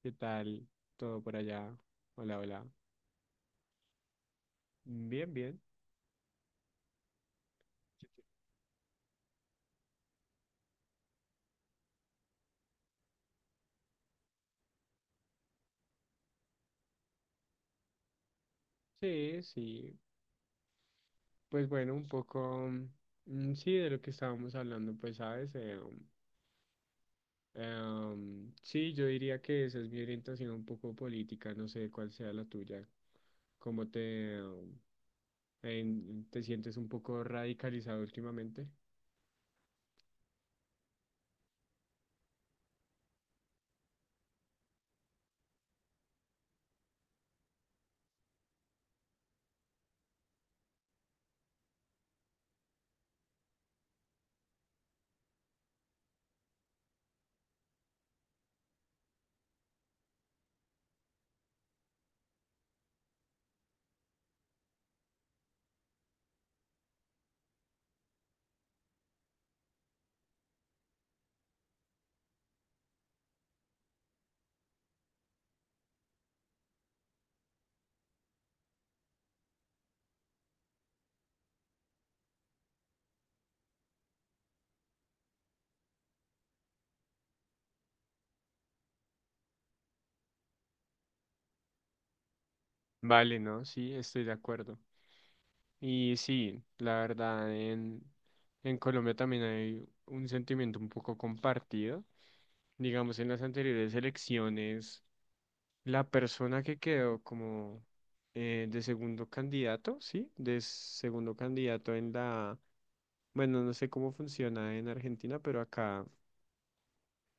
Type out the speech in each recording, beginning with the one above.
¿Qué tal? ¿Todo por allá? Hola, hola. Bien, bien. Sí, sí. Pues bueno, un poco, sí, de lo que estábamos hablando, pues sabes, sí, yo diría que esa es mi orientación un poco política, no sé cuál sea la tuya, cómo te sientes un poco radicalizado últimamente. Vale, no, sí, estoy de acuerdo. Y sí, la verdad, en Colombia también hay un sentimiento un poco compartido. Digamos, en las anteriores elecciones, la persona que quedó como de segundo candidato, ¿sí? De segundo candidato en bueno, no sé cómo funciona en Argentina, pero acá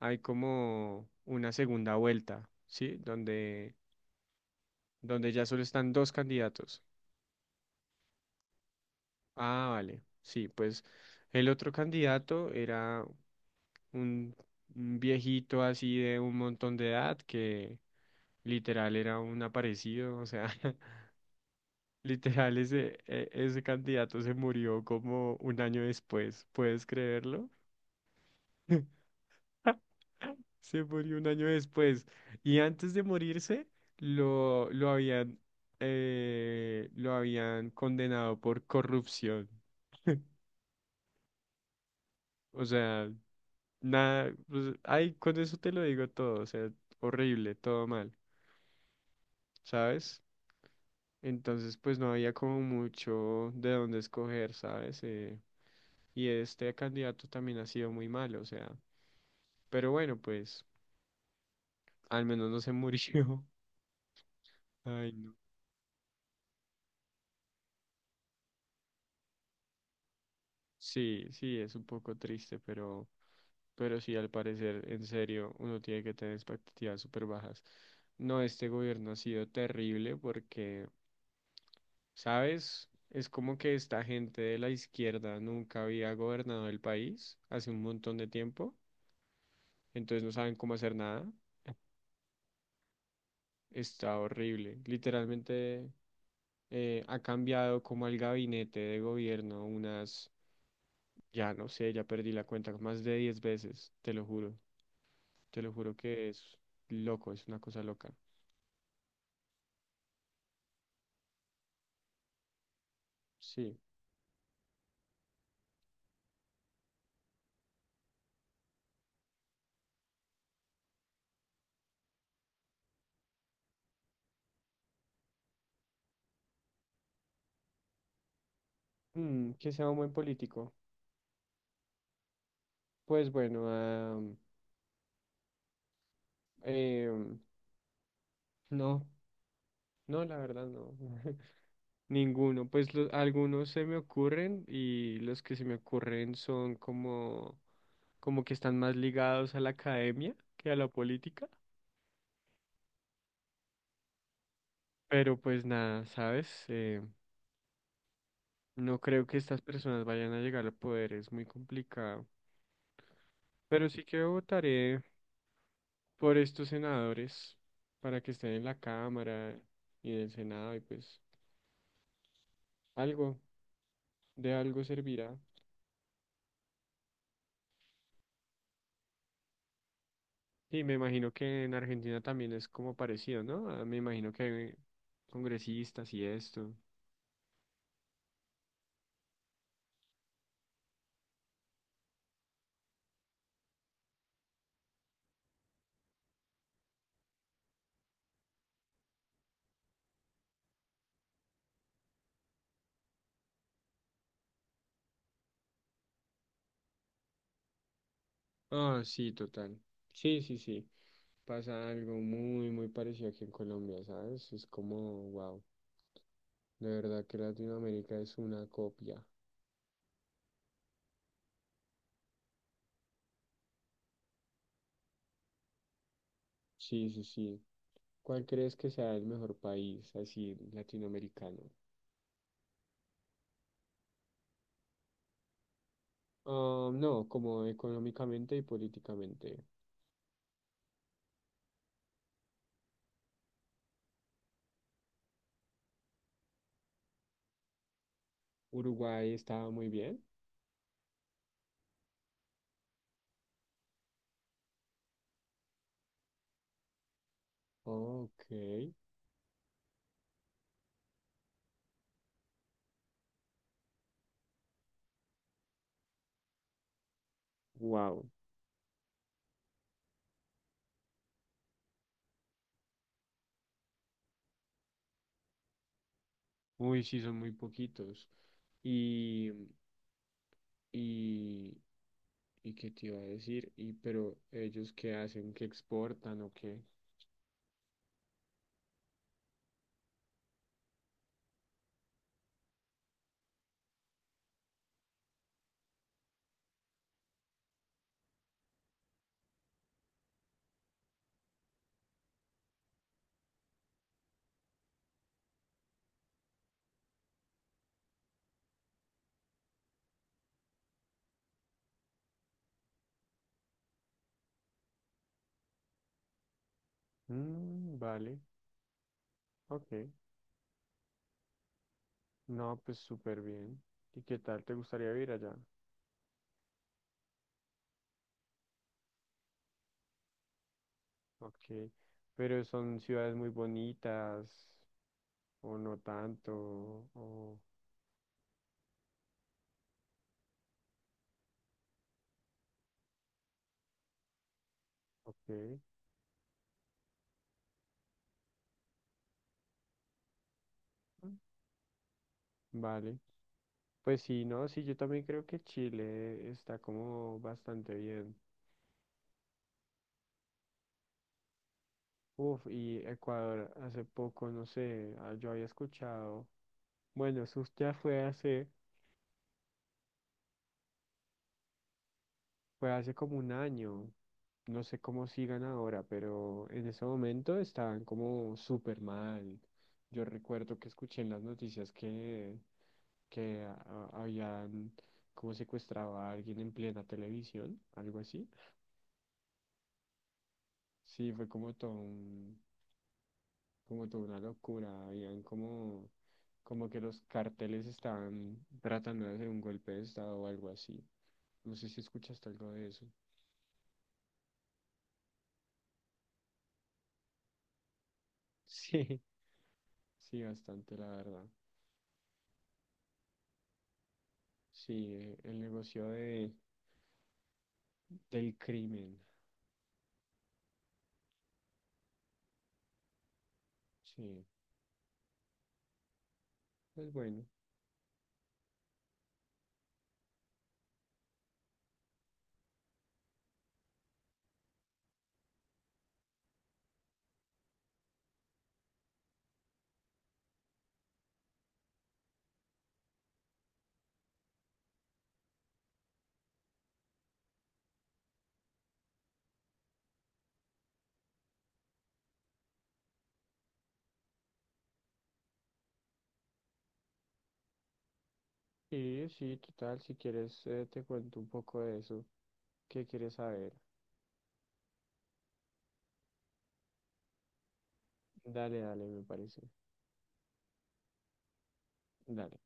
hay como una segunda vuelta, ¿sí? Donde, donde ya solo están dos candidatos. Ah, vale, sí, pues el otro candidato era un un viejito así de un montón de edad que... Literal, era un aparecido, o sea, Literal, ese candidato se murió como un año después, ¿puedes creerlo? Se murió un año después. Y antes de morirse, lo, lo habían, lo habían condenado por corrupción. O sea, nada, pues, ay, con eso te lo digo todo, o sea, horrible, todo mal, ¿sabes? Entonces, pues no había como mucho de dónde escoger, ¿sabes? Y este candidato también ha sido muy malo, o sea. Pero bueno, pues al menos no se murió. Ay, no. Sí, sí, es un poco triste, pero sí, al parecer, en serio, uno tiene que tener expectativas súper bajas. No, este gobierno ha sido terrible porque, ¿sabes? Es como que esta gente de la izquierda nunca había gobernado el país hace un montón de tiempo, entonces no saben cómo hacer nada. Está horrible. Literalmente ha cambiado como el gabinete de gobierno unas... Ya no sé, ya perdí la cuenta, más de 10 veces, te lo juro. Te lo juro que es loco, es una cosa loca. Sí. Mm, que sea un buen político. Pues bueno, em, no, no, la verdad no. Ninguno. Pues algunos se me ocurren y los que se me ocurren son como, como que están más ligados a la academia que a la política. Pero pues nada, ¿sabes? No creo que estas personas vayan a llegar al poder, es muy complicado. Pero sí que votaré por estos senadores para que estén en la Cámara y en el Senado y pues algo, de algo servirá. Y me imagino que en Argentina también es como parecido, ¿no? Ah, me imagino que hay congresistas y esto. Ah, sí, total. Sí, sí, sí. Pasa algo muy, muy parecido aquí en Colombia, ¿sabes? Es como, wow. De verdad que Latinoamérica es una copia. Sí, sí, sí. ¿Cuál crees que sea el mejor país así latinoamericano? Ah, no, como económicamente y políticamente. Uruguay estaba muy bien. Ok. Wow. Uy, sí, son muy poquitos. Y, y, y qué te iba a decir, y pero ellos qué hacen, qué exportan o qué. Mm, vale, ok. No, pues súper bien. ¿Y qué tal? ¿Te gustaría vivir allá? Ok. Pero son ciudades muy bonitas, o no tanto, o ok, vale. Pues sí, no, sí, yo también creo que Chile está como bastante bien. Uf, y Ecuador hace poco, no sé, ah, yo había escuchado, bueno, eso ya fue hace... Fue hace como un año. No sé cómo sigan ahora, pero en ese momento estaban como súper mal. Yo recuerdo que escuché en las noticias que habían como secuestrado a alguien en plena televisión, algo así. Sí, fue como toda una locura. Habían como, como que los carteles estaban tratando de hacer un golpe de estado o algo así. No sé si escuchaste algo de eso. Sí, sí, bastante, la verdad. Sí, el negocio del crimen. Sí, es bueno. Sí, sí, total. Si quieres, te cuento un poco de eso. ¿Qué quieres saber? Dale, dale, me parece. Dale.